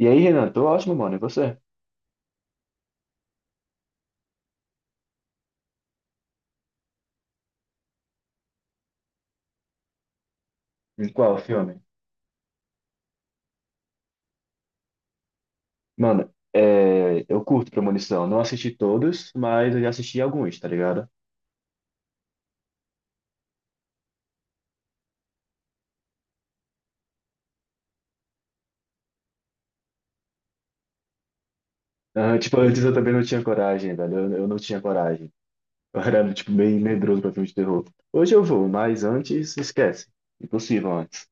E aí, Renan, tô ótimo, mano. E você? Em qual filme? Mano, é, eu curto Premonição. Não assisti todos, mas eu já assisti alguns, tá ligado? Ah, tipo, antes eu também não tinha coragem, velho. Eu não tinha coragem. Eu era, tipo, bem medroso pra filme de terror. Hoje eu vou, mas antes, esquece. Impossível antes.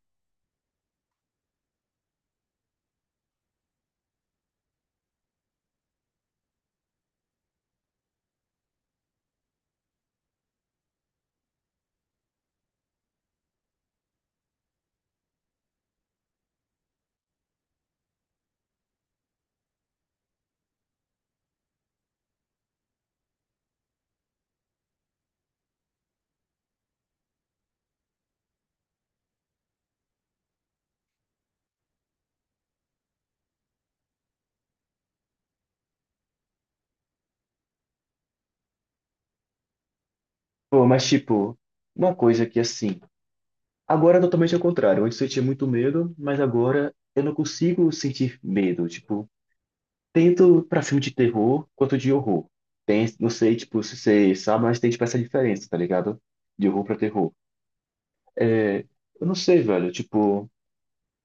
Pô, mas tipo, uma coisa que assim. Agora é totalmente ao contrário. Antes eu tinha muito medo, mas agora eu não consigo sentir medo. Tipo, tanto pra filme de terror quanto de horror. Tem, não sei, tipo, se você sabe, mas tem, tipo, essa diferença, tá ligado? De horror pra terror. É, eu não sei, velho, tipo,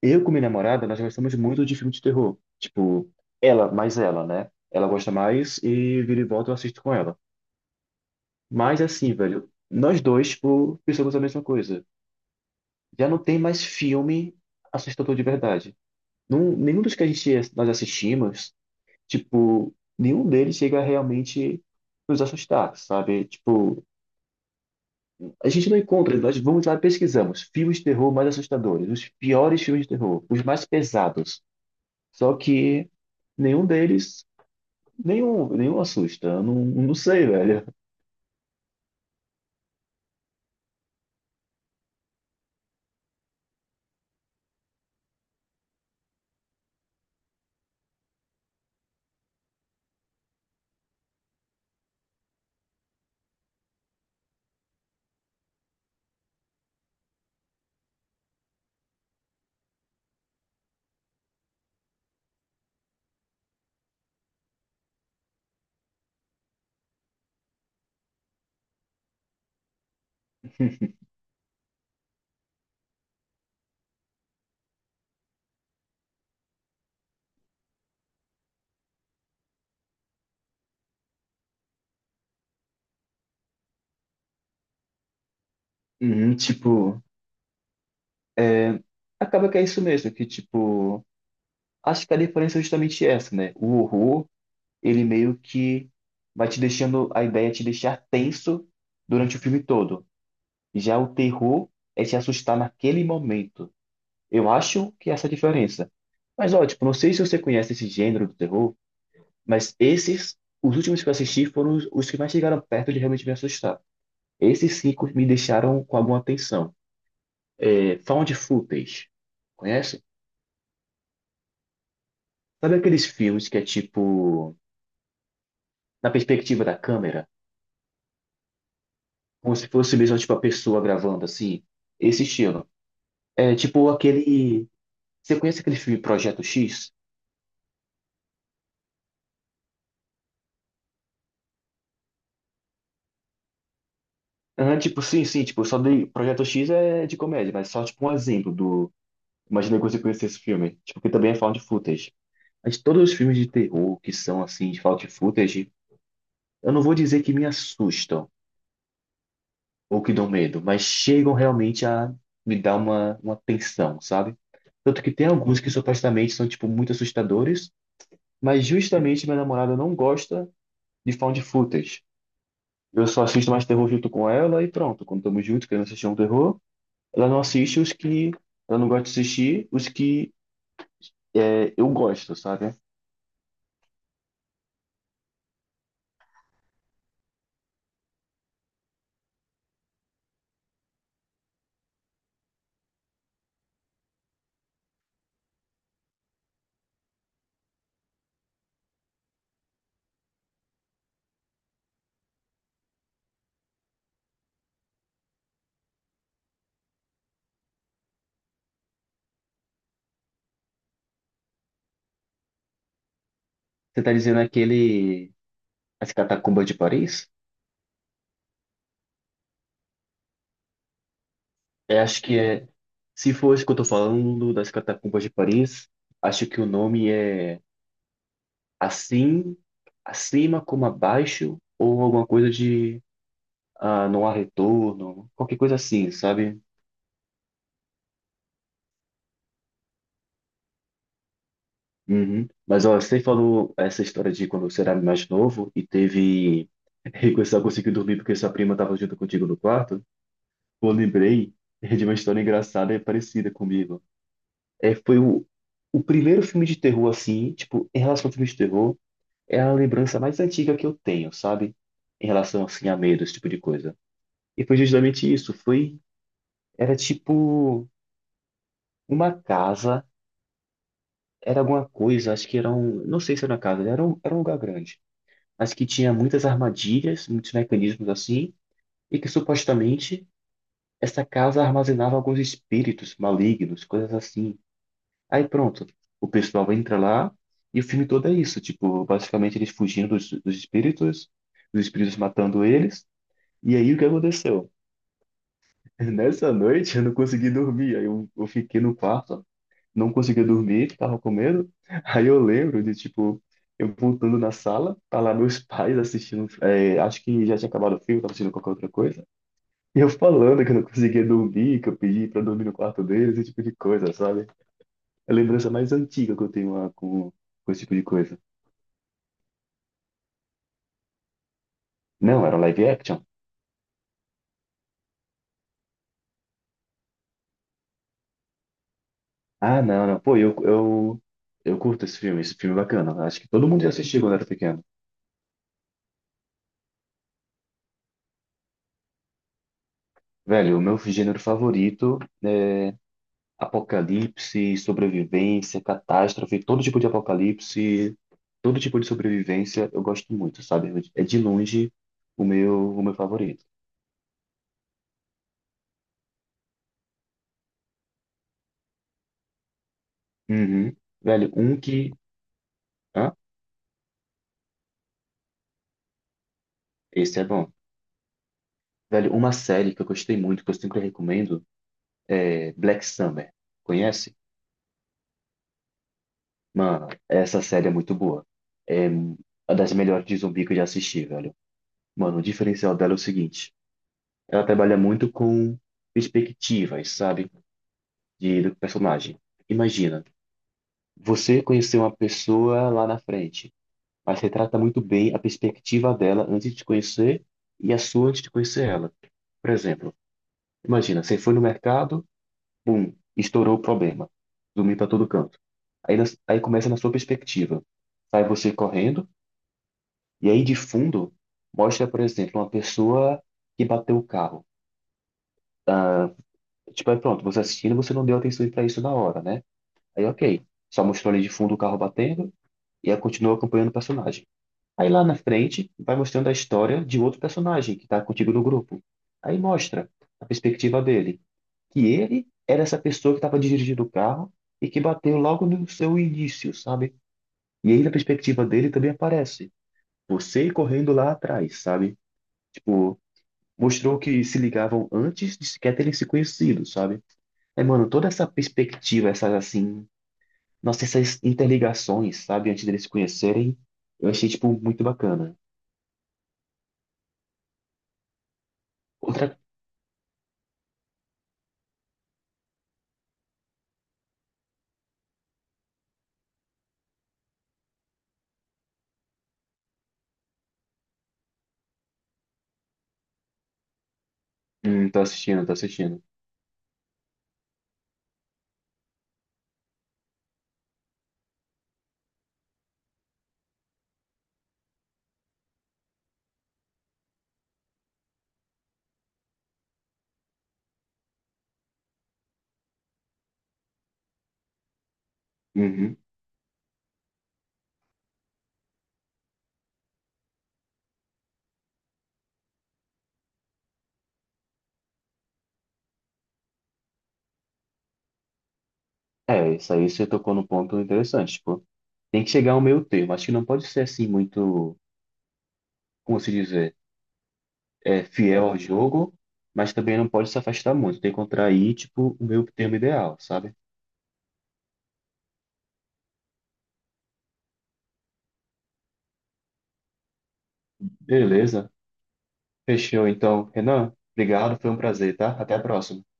eu com minha namorada, nós gostamos muito de filme de terror. Tipo, ela, mais ela, né? Ela gosta mais e vira e volta eu assisto com ela. Mas, assim, velho, nós dois, tipo, pensamos a mesma coisa. Já não tem mais filme assustador de verdade. Num, nenhum dos que a gente, nós assistimos tipo, nenhum deles chega realmente nos assustar, sabe? Tipo, a gente não encontra, nós vamos lá e pesquisamos filmes de terror mais assustadores, os piores filmes de terror, os mais pesados. Só que nenhum deles, nenhum, nenhum assusta. Eu Não sei, velho. Uhum, tipo, é, acaba que é isso mesmo, que tipo, acho que a diferença é justamente essa, né? O horror, ele meio que vai te deixando, a ideia é te deixar tenso durante o filme todo. Já o terror é te assustar naquele momento. Eu acho que essa é a diferença. Mas, ó, tipo, não sei se você conhece esse gênero do terror, mas esses, os últimos que eu assisti foram os que mais chegaram perto de realmente me assustar. Esses 5 me deixaram com alguma atenção. É, found footage, conhece? Sabe aqueles filmes que é tipo, na perspectiva da câmera, como se fosse mesmo tipo a pessoa gravando assim? Esse estilo. É tipo aquele. Você conhece aquele filme Projeto X? Ah, tipo, sim, sim, tipo, só dei. Projeto X é de comédia, mas só tipo um exemplo do. Imagina que você conhecesse esse filme. Tipo, que também é found footage. Mas todos os filmes de terror que são assim, de found footage, eu não vou dizer que me assustam ou que dão medo, mas chegam realmente a me dar uma tensão, sabe? Tanto que tem alguns que supostamente são, tipo, muito assustadores, mas justamente minha namorada não gosta de found footage. Eu só assisto mais terror junto com ela e pronto. Quando estamos juntos, querendo assistir um terror. Ela não assiste os que ela não gosta de assistir, os que é, eu gosto, sabe? Você tá dizendo aquele. As Catacumbas de Paris? É, acho que é. Se for isso que eu tô falando das Catacumbas de Paris, acho que o nome é Assim, Acima como Abaixo, ou alguma coisa de. Ah, não há retorno, qualquer coisa assim, sabe? Uhum. Mas ó, você falou essa história de quando você era mais novo e teve. E você só conseguiu dormir porque sua prima tava junto contigo no quarto. Eu lembrei é de uma história engraçada e parecida comigo. É, foi o primeiro filme de terror, assim, tipo, em relação ao filme de terror, é a lembrança mais antiga que eu tenho, sabe? Em relação, assim, a medo, esse tipo de coisa. E foi justamente isso, foi, era tipo uma casa, era alguma coisa, acho que era um, não sei se era uma casa, era um lugar grande, mas que tinha muitas armadilhas, muitos mecanismos assim, e que supostamente essa casa armazenava alguns espíritos malignos, coisas assim. Aí pronto, o pessoal entra lá e o filme todo é isso, tipo, basicamente eles fugindo dos, dos espíritos, os espíritos matando eles. E aí o que aconteceu? Nessa noite eu não consegui dormir, aí eu fiquei no quarto, não conseguia dormir, tava com medo. Aí eu lembro de, tipo, eu voltando na sala, tá lá meus pais assistindo, é, acho que já tinha acabado o filme, tava assistindo qualquer outra coisa. E eu falando que eu não conseguia dormir, que eu pedi pra dormir no quarto deles, esse tipo de coisa, sabe? É a lembrança mais antiga que eu tenho lá com esse tipo de coisa. Não, era live action? Ah, não, não. Pô, eu curto esse filme é bacana. Acho que todo mundo já assistiu quando era pequeno. Velho, o meu gênero favorito, apocalipse, sobrevivência, catástrofe, todo tipo de apocalipse, todo tipo de sobrevivência, eu gosto muito, sabe? É de longe o meu favorito. Uhum. Velho, um que. Hã? Esse é bom. Velho, uma série que eu gostei muito, que eu sempre recomendo. É Black Summer, conhece? Mano, essa série é muito boa. É uma das melhores de zumbi que eu já assisti, velho. Mano, o diferencial dela é o seguinte: ela trabalha muito com perspectivas, sabe? De, do personagem. Imagina, você conheceu uma pessoa lá na frente, mas retrata muito bem a perspectiva dela antes de te conhecer e a sua antes de conhecer ela. Por exemplo, imagina, você foi no mercado. Bum, estourou o problema. Zumbi para todo canto. Aí, nas- aí começa na sua perspectiva. Sai você correndo, e aí de fundo mostra, por exemplo, uma pessoa que bateu o carro. Tipo, aí pronto, você assistindo, você não deu atenção para isso na hora, né? Aí ok, só mostrou ali de fundo o carro batendo, e aí continua acompanhando o personagem. Aí lá na frente, vai mostrando a história de outro personagem que tá contigo no grupo. Aí mostra a perspectiva dele, que ele era essa pessoa que estava dirigindo o carro e que bateu logo no seu início, sabe? E aí, na perspectiva dele, também aparece você correndo lá atrás, sabe? Tipo, mostrou que se ligavam antes de sequer terem se conhecido, sabe? É, mano, toda essa perspectiva, essas assim, nossa, essas interligações, sabe? Antes deles se conhecerem, eu achei, tipo, muito bacana. Outra. Tô assistindo, tô assistindo. Uhum. É, isso aí você tocou num ponto interessante, tipo, tem que chegar ao meio termo. Acho que não pode ser assim muito como se dizer, é, é fiel ao jogo, mas também não pode se afastar muito. Tem que encontrar aí, tipo, o meio termo ideal, sabe? Beleza. Fechou, então. Renan, obrigado, foi um prazer, tá? Até a próxima.